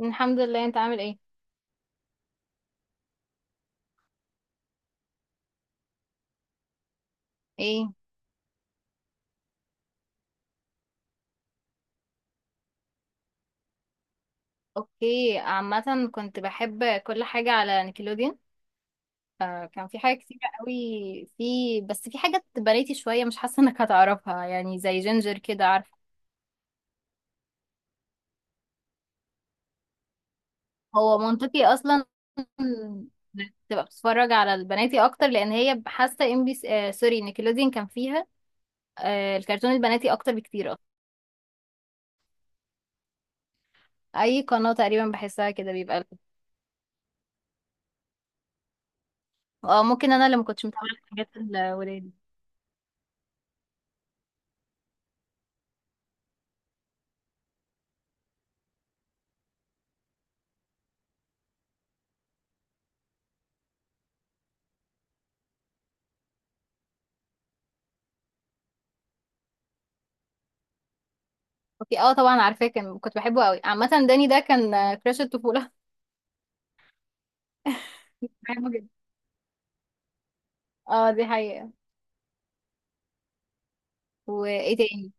الحمد لله، انت عامل ايه؟ ايه؟ اوكي، عامة كنت بحب كل حاجة على نيكلوديون. كان في حاجة كتيرة قوي. في حاجة بناتي شوية، مش حاسة انك هتعرفها، يعني زي جينجر كده، عارفة. هو منطقي اصلا انك تبقى بتتفرج على البناتي اكتر، لان هي حاسة ام بي آه سوري نيكلوديون كان فيها الكرتون البناتي اكتر بكتير اصلا. اي قناة تقريبا بحسها كده بيبقى. اه، ممكن انا اللي ما كنتش متابعة الحاجات الولاد. اوكي، اه، طبعا عارفاه، كنت بحبه قوي. عامة داني ده كان كراش الطفولة. كنت بحبه جدا. اه، دي حقيقة. وايه تاني؟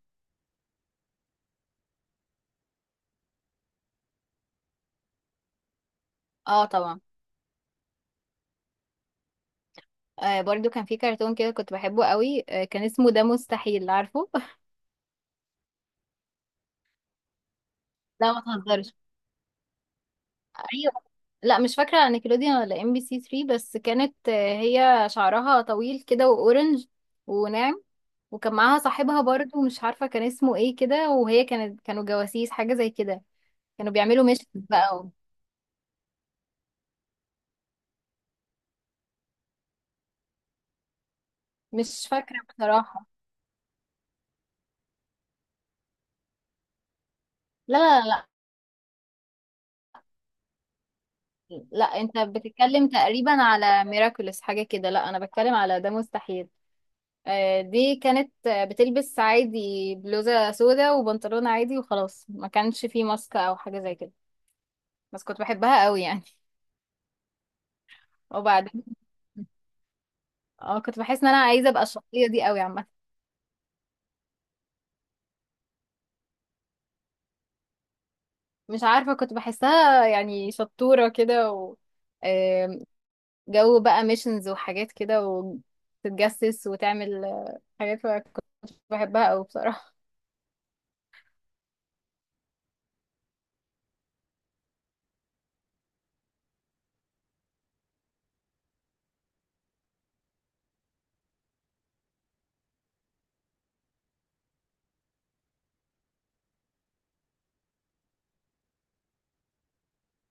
اه طبعا. آه، برضو كان في كرتون كده كنت بحبه قوي، كان اسمه ده مستحيل عارفه. لا، ما تهزرش. ايوه. لا، مش فاكرة على نيكلوديان ولا ام بي سي 3. بس كانت هي شعرها طويل كده واورنج وناعم، وكان معاها صاحبها برضو، مش عارفة كان اسمه ايه كده. وهي كانوا جواسيس حاجة زي كده. كانوا بيعملوا مش بقى مش فاكرة بصراحة. لا لا لا. لا، انت بتتكلم تقريبا على ميراكولس حاجة كده. لا، انا بتكلم على ده مستحيل. دي كانت بتلبس عادي بلوزة سودا وبنطلون عادي وخلاص، ما كانش فيه ماسك او حاجة زي كده. بس كنت بحبها قوي يعني. وبعدين. اه، كنت بحس ان انا عايزة ابقى الشخصية دي قوي عامة. مش عارفة كنت بحسها يعني شطورة كده و آم، جو بقى ميشنز وحاجات كده وتتجسس وتعمل حاجات. كنت بحبها قوي بصراحة.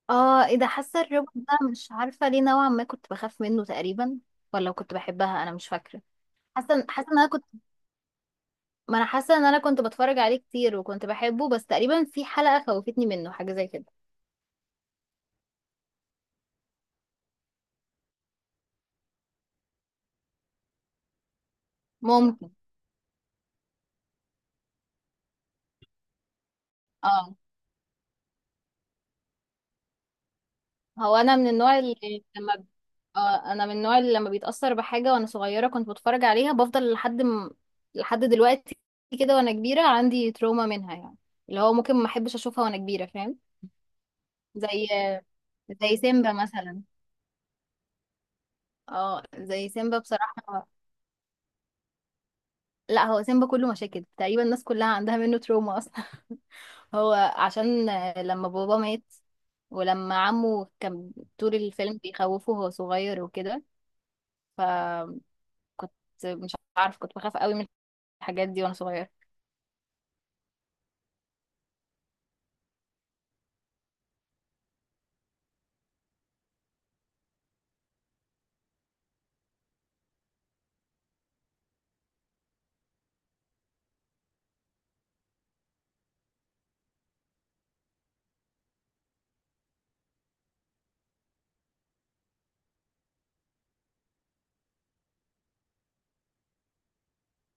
اه، ايه ده؟ حاسه الروبوت ده مش عارفه ليه نوعا ما كنت بخاف منه تقريبا، ولا كنت بحبها، انا مش فاكره. حاسه ان انا كنت، ما انا حاسه ان انا كنت بتفرج عليه كتير وكنت بحبه، بس تقريبا في حلقه خوفتني منه حاجه زي كده. ممكن، اه. هو انا من النوع اللي لما ب- اه انا من النوع اللي لما بيتاثر بحاجه وانا صغيره كنت بتفرج عليها، بفضل لحد دلوقتي كده. وانا كبيره عندي تروما منها يعني، اللي هو ممكن ما احبش اشوفها وانا كبيره، فاهم. زي زي سيمبا مثلا. اه، زي سيمبا بصراحة. لا، هو سيمبا كله مشاكل تقريبا، الناس كلها عندها منه تروما اصلا. هو عشان لما بابا مات، ولما عمه كان طول الفيلم بيخوفه وهو صغير وكده، فمش عارف، كنت بخاف قوي من الحاجات دي وانا صغير.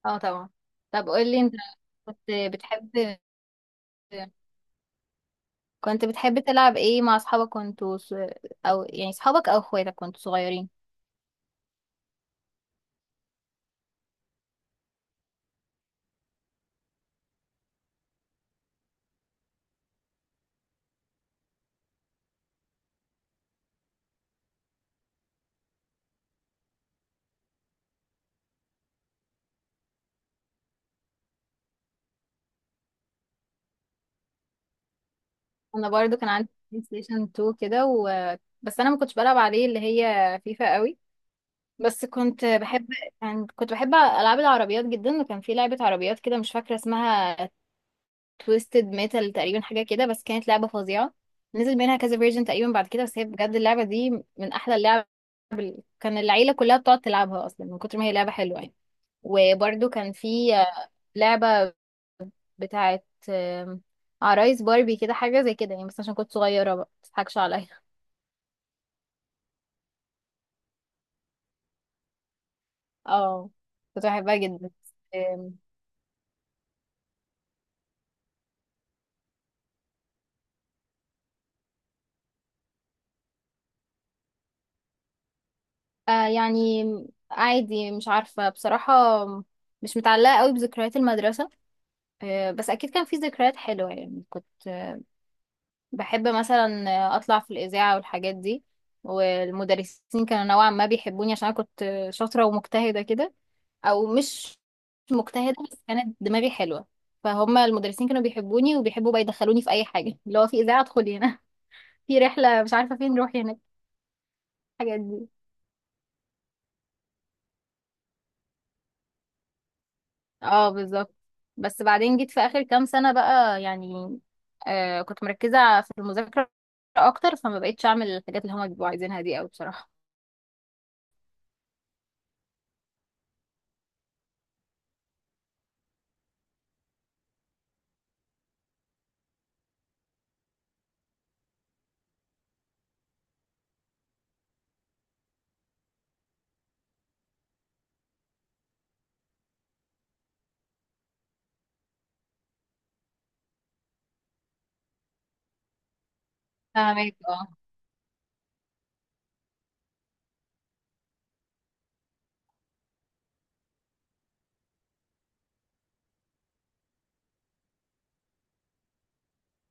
اه طبعا. طب قول لي انت، كنت بتحب كنت بتحب تلعب ايه مع اصحابك، كنتوا او يعني اصحابك او اخواتك كنتوا صغيرين؟ انا برضو كان عندي بلاي ستيشن 2 كده بس انا ما كنتش بلعب عليه اللي هي فيفا قوي، بس كنت بحب يعني كنت بحب العاب العربيات جدا. وكان في لعبة عربيات كده مش فاكرة اسمها، تويستد ميتال تقريبا حاجة كده، بس كانت لعبة فظيعة. نزل منها كذا فيرجن تقريبا بعد كده، بس هي بجد اللعبة دي من احلى اللعب. كان العيلة كلها بتقعد تلعبها اصلا من كتر ما هي لعبة حلوة يعني. وبرضو كان في لعبة بتاعت عرايس باربي كده حاجة زي كده يعني، بس عشان كنت صغيرة بقى متضحكش عليا. اه، كنت بحبها جدا. آم، آه يعني عادي، مش عارفة بصراحة، مش متعلقة قوي بذكريات المدرسة. بس أكيد كان في ذكريات حلوة، يعني كنت بحب مثلا أطلع في الإذاعة والحاجات دي، والمدرسين كانوا نوعا ما بيحبوني عشان أنا كنت شاطرة ومجتهدة كده. أو مش مجتهدة، بس كانت دماغي حلوة، فهم المدرسين كانوا بيحبوني وبيحبوا بقى يدخلوني في أي حاجة، اللي هو في إذاعة ادخلي هنا، في رحلة مش عارفة فين، روحي هناك. الحاجات دي. اه، بالظبط. بس بعدين جيت في اخر كام سنة بقى يعني، كنت مركزة في المذاكرة اكتر، فما بقيتش اعمل الحاجات اللي هما بيبقوا عايزينها دي قوي بصراحة. فاهمك، اه.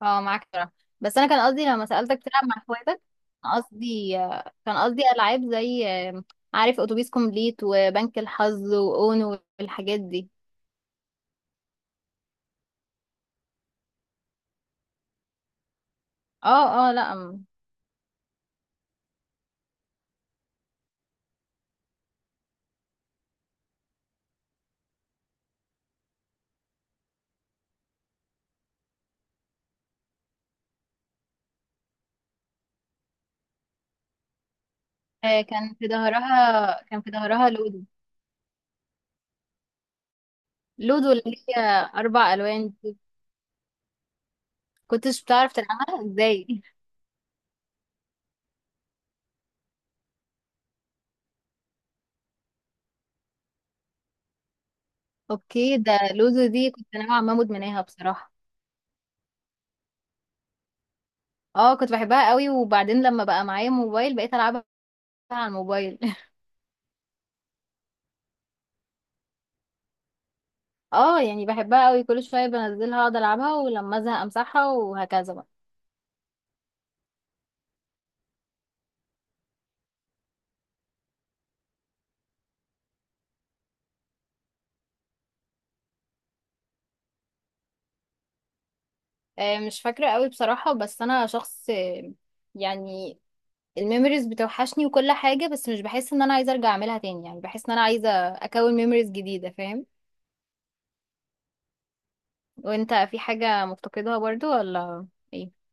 اه، معاك بصراحة. بس انا كان قصدي لما سألتك تلعب مع اخواتك، كان قصدي العاب زي، عارف، اتوبيس كومبليت وبنك الحظ واونو والحاجات دي. اه اه، لا، كان في ظهرها لودو. لودو اللي هي اربع الوان دي. كنتش بتعرف تلعبها ازاي؟ اوكي، ده لوزو دي كنت نوعا ما مدمناها بصراحة. اه، كنت بحبها قوي، وبعدين لما بقى معايا موبايل بقيت العبها على الموبايل. اه يعني بحبها قوي، كل شوية بنزلها اقعد العبها، ولما ازهق امسحها وهكذا بقى. مش فاكرة قوي بصراحة، بس انا شخص يعني الميموريز بتوحشني وكل حاجة، بس مش بحس ان انا عايزة ارجع اعملها تاني، يعني بحس ان انا عايزة اكون ميموريز جديدة، فاهم. وانت في حاجة مفتقدها برضو ولا؟ ايه.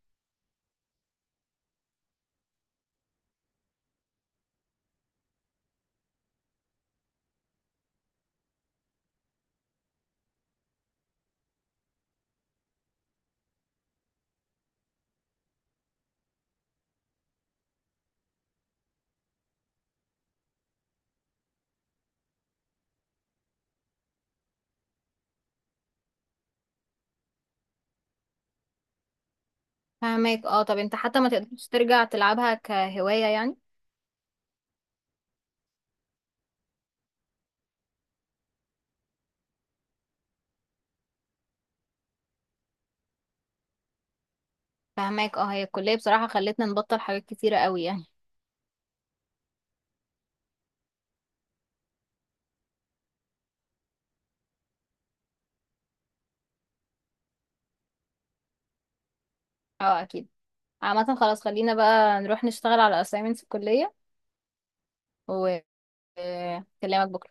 فاهمك، اه. طب انت حتى ما تقدرش ترجع تلعبها كهواية يعني؟ فهماك، اه. هي الكلية بصراحة خلتنا نبطل حاجات كتيرة قوي يعني. اه، اكيد. عامة خلاص، خلينا بقى نروح نشتغل على assignments الكلية وكلامك بكرة.